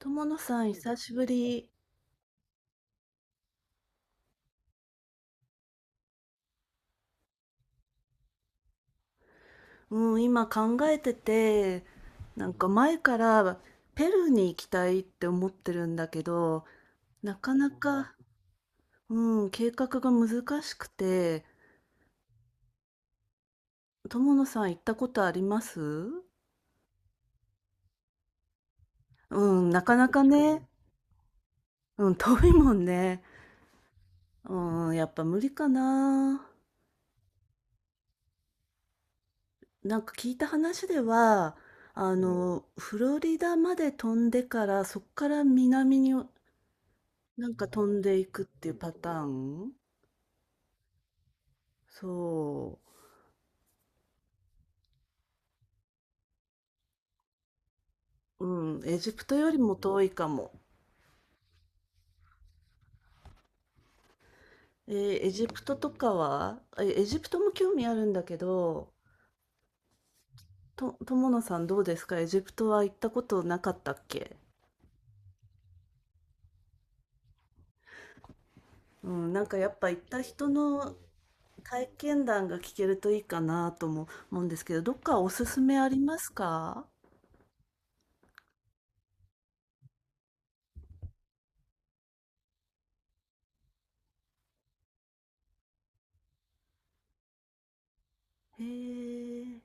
友野さん、久しぶり。うん、今考えてて、なんか前からペルーに行きたいって思ってるんだけど、なかなか、うん、計画が難しくて、友野さん行ったことあります？うん、なかなかね、うん、遠いもんね。うん、やっぱ無理かな。なんか聞いた話では、あの、フロリダまで飛んでから、そっから南になんか飛んでいくっていうパターン。そう、うん、エジプトよりも遠いかも。エジプトとかは、エジプトも興味あるんだけど、友野さんどうですか？エジプトは行ったことなかったっけ？うん、なんかやっぱ行った人の体験談が聞けるといいかなとも思うんですけど、どっかおすすめありますか？へえ、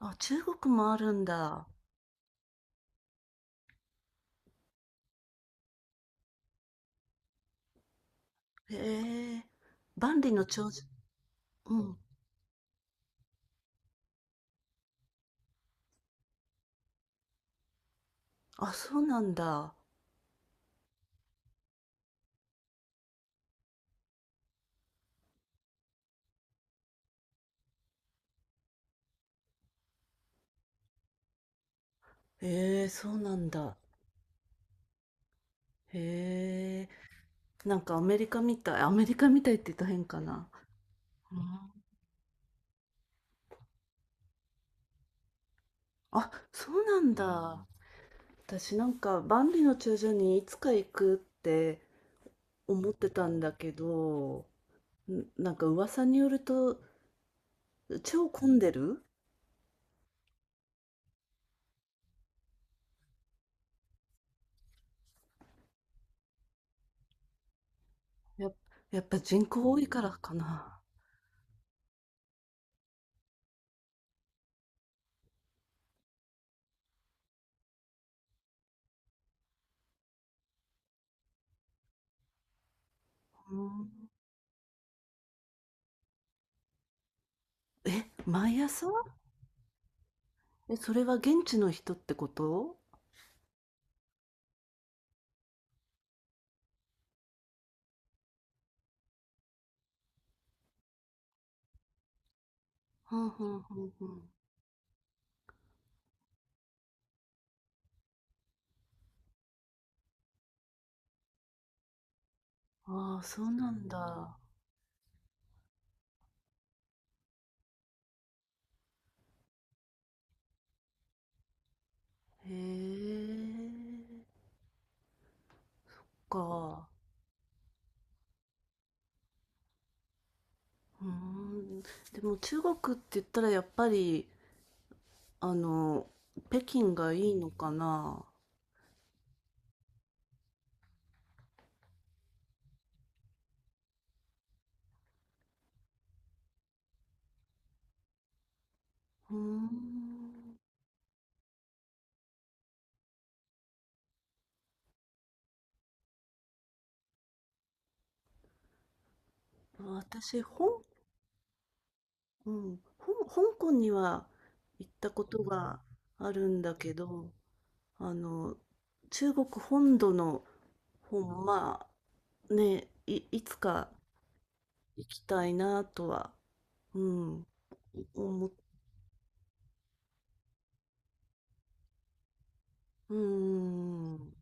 あ、中国もあるんだ。へえ、万里の長城、うん、あ、そうなんだ。へえ、そうなんだ。へえ、なんかアメリカみたいって言ったら変かな。うん、あ、そうなんだ。私なんか万里の長城にいつか行くって思ってたんだけど、なんか噂によると超混んでる？や、やっぱ人口多いからかな。うん。え、毎朝？え、それは現地の人ってこと？はんはんはんはん。ああ、そうなんだ。へえ、か。うーん、でも中国って言ったらやっぱり、あの、北京がいいのかな。うーん、私、うん、香港には行ったことがあるんだけど、あの、中国本土の、まあ、ね、いつか行きたいなとは、うん、思う。うーん。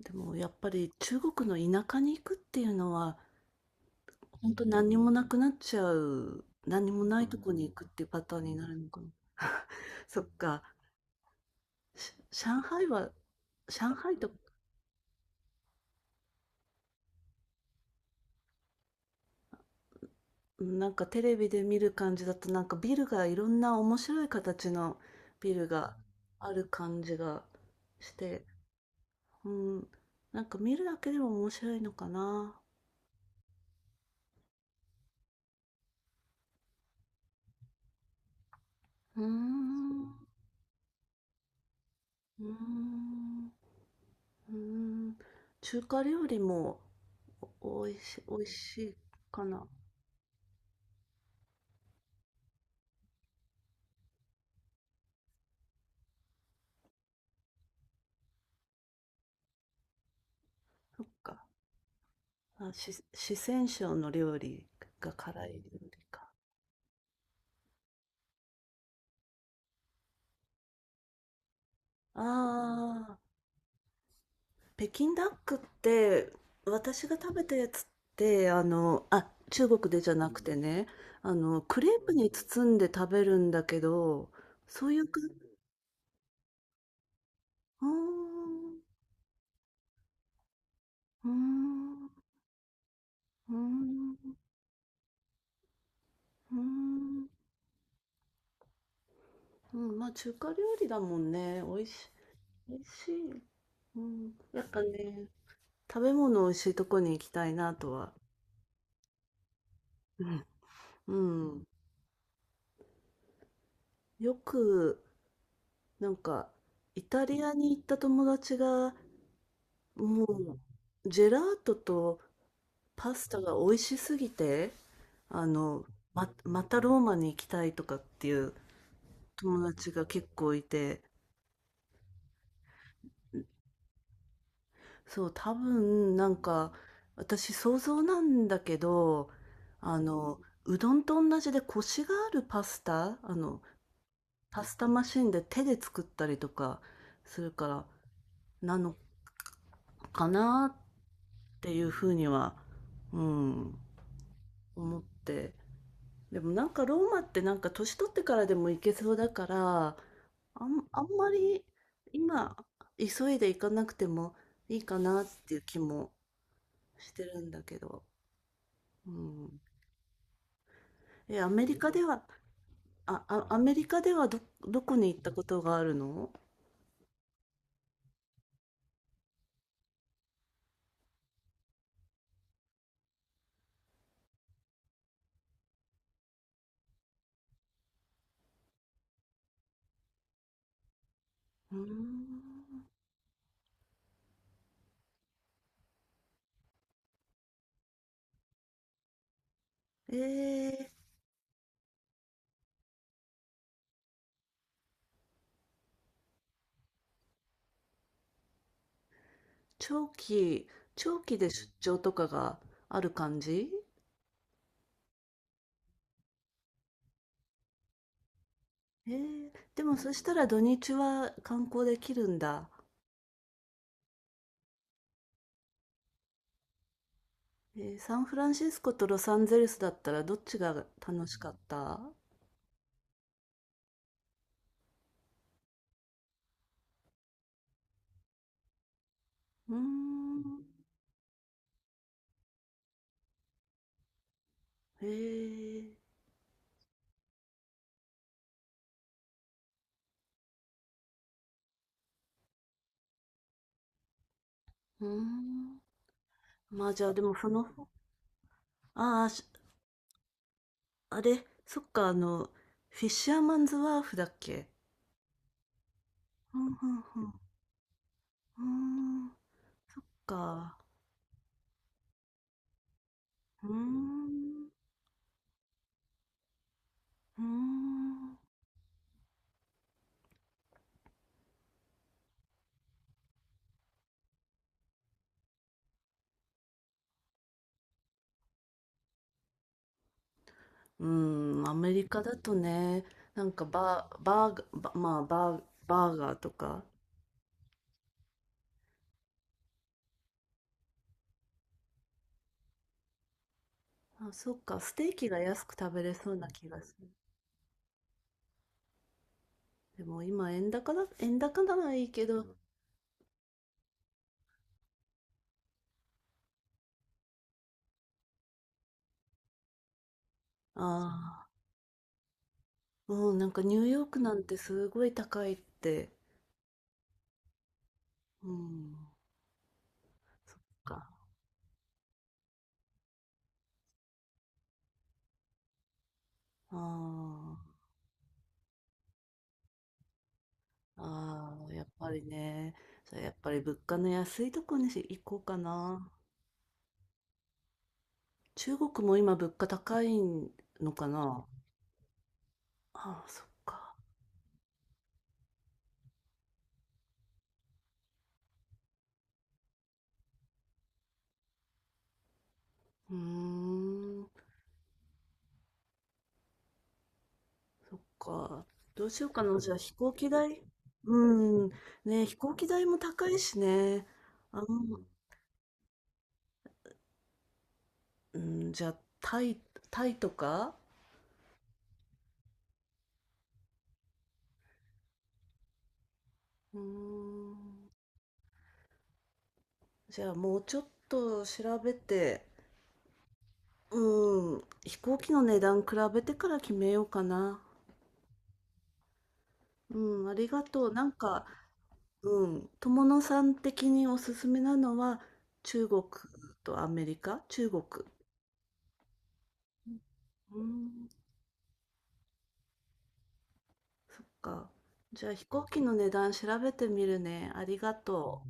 でもやっぱり中国の田舎に行くっていうのは、ほんと何にもなくなっちゃう、何にもなういとこにくっていうパターンになるのかな。そっか、上海は。上海と、なんかテレビで見る感じだと、なんかビルがいろんな面白い形のビルがある感じがして、うん、なんか見るだけでも面白いのかな。うーん、う。うーん、うーん。中華料理もおいしいかな。そっか。あ、四川省の料理が辛い料理か。ああ、北京ダックって、私が食べたやつって、あの、あ、中国でじゃなくてね、あの、クレープに包んで食べるんだけど、そういうか、うーん、うーん、うーん、うーん、うん、まあ中華料理だもんね。美味しい、美味しい。うん、やっぱね、食べ物美味しいとこに行きたいなとは。うん。うん、よく、なんか、イタリアに行った友達が、もう、ジェラートとパスタが美味しすぎて、あの、またローマに行きたいとかっていう友達が結構いて、そう、多分、なんか、私想像なんだけど、あの、うどんと同じでコシがあるパスタ、あの、パスタマシンで手で作ったりとかするから、なのかなっていうふうには、うん、思って。でもなんかローマってなんか年取ってからでも行けそうだから、あんまり今急いで行かなくてもいいかなっていう気もしてるんだけど。うん。え、アメリカでは、あ、あ、アメリカではど、どこに行ったことがあるの？うーん。えー、長期、長期で出張とかがある感じ？ええ、でもそしたら土日は観光できるんだ。サンフランシスコとロサンゼルスだったらどっちが楽しかった？うーん。ええ、うーん。まあじゃあでもその、ああ、あれ、そっか、あの、フィッシャーマンズワーフだっけ？うん、うん、うん。うーん、そっか。うーん、うーん。うん、アメリカだとね、なんかバー、バーガー、バまあバー、バーガーとか、あ、そっか、ステーキが安く食べれそうな気がする。でも今円高だ、円高ならいいけど、ああ、うん、なんかニューヨークなんてすごい高いって、うん、そっか、ああ、ああ、やっぱりね、それやっぱり物価の安いとこに行こうかな。中国も今物価高いのかな。ああ、そっか。うーん、そっか。どうしようかな。じゃあ飛行機代。うん。ね、飛行機代も高いしね。あん、うん、じゃあタイ、タイとか？うーん。じゃあもうちょっと調べて、うん、飛行機の値段比べてから決めようかな。うん、ありがとう。なんか、うん、友野さん的におすすめなのは中国とアメリカ、中国。うん、そっか。じゃあ飛行機の値段調べてみるね。ありがとう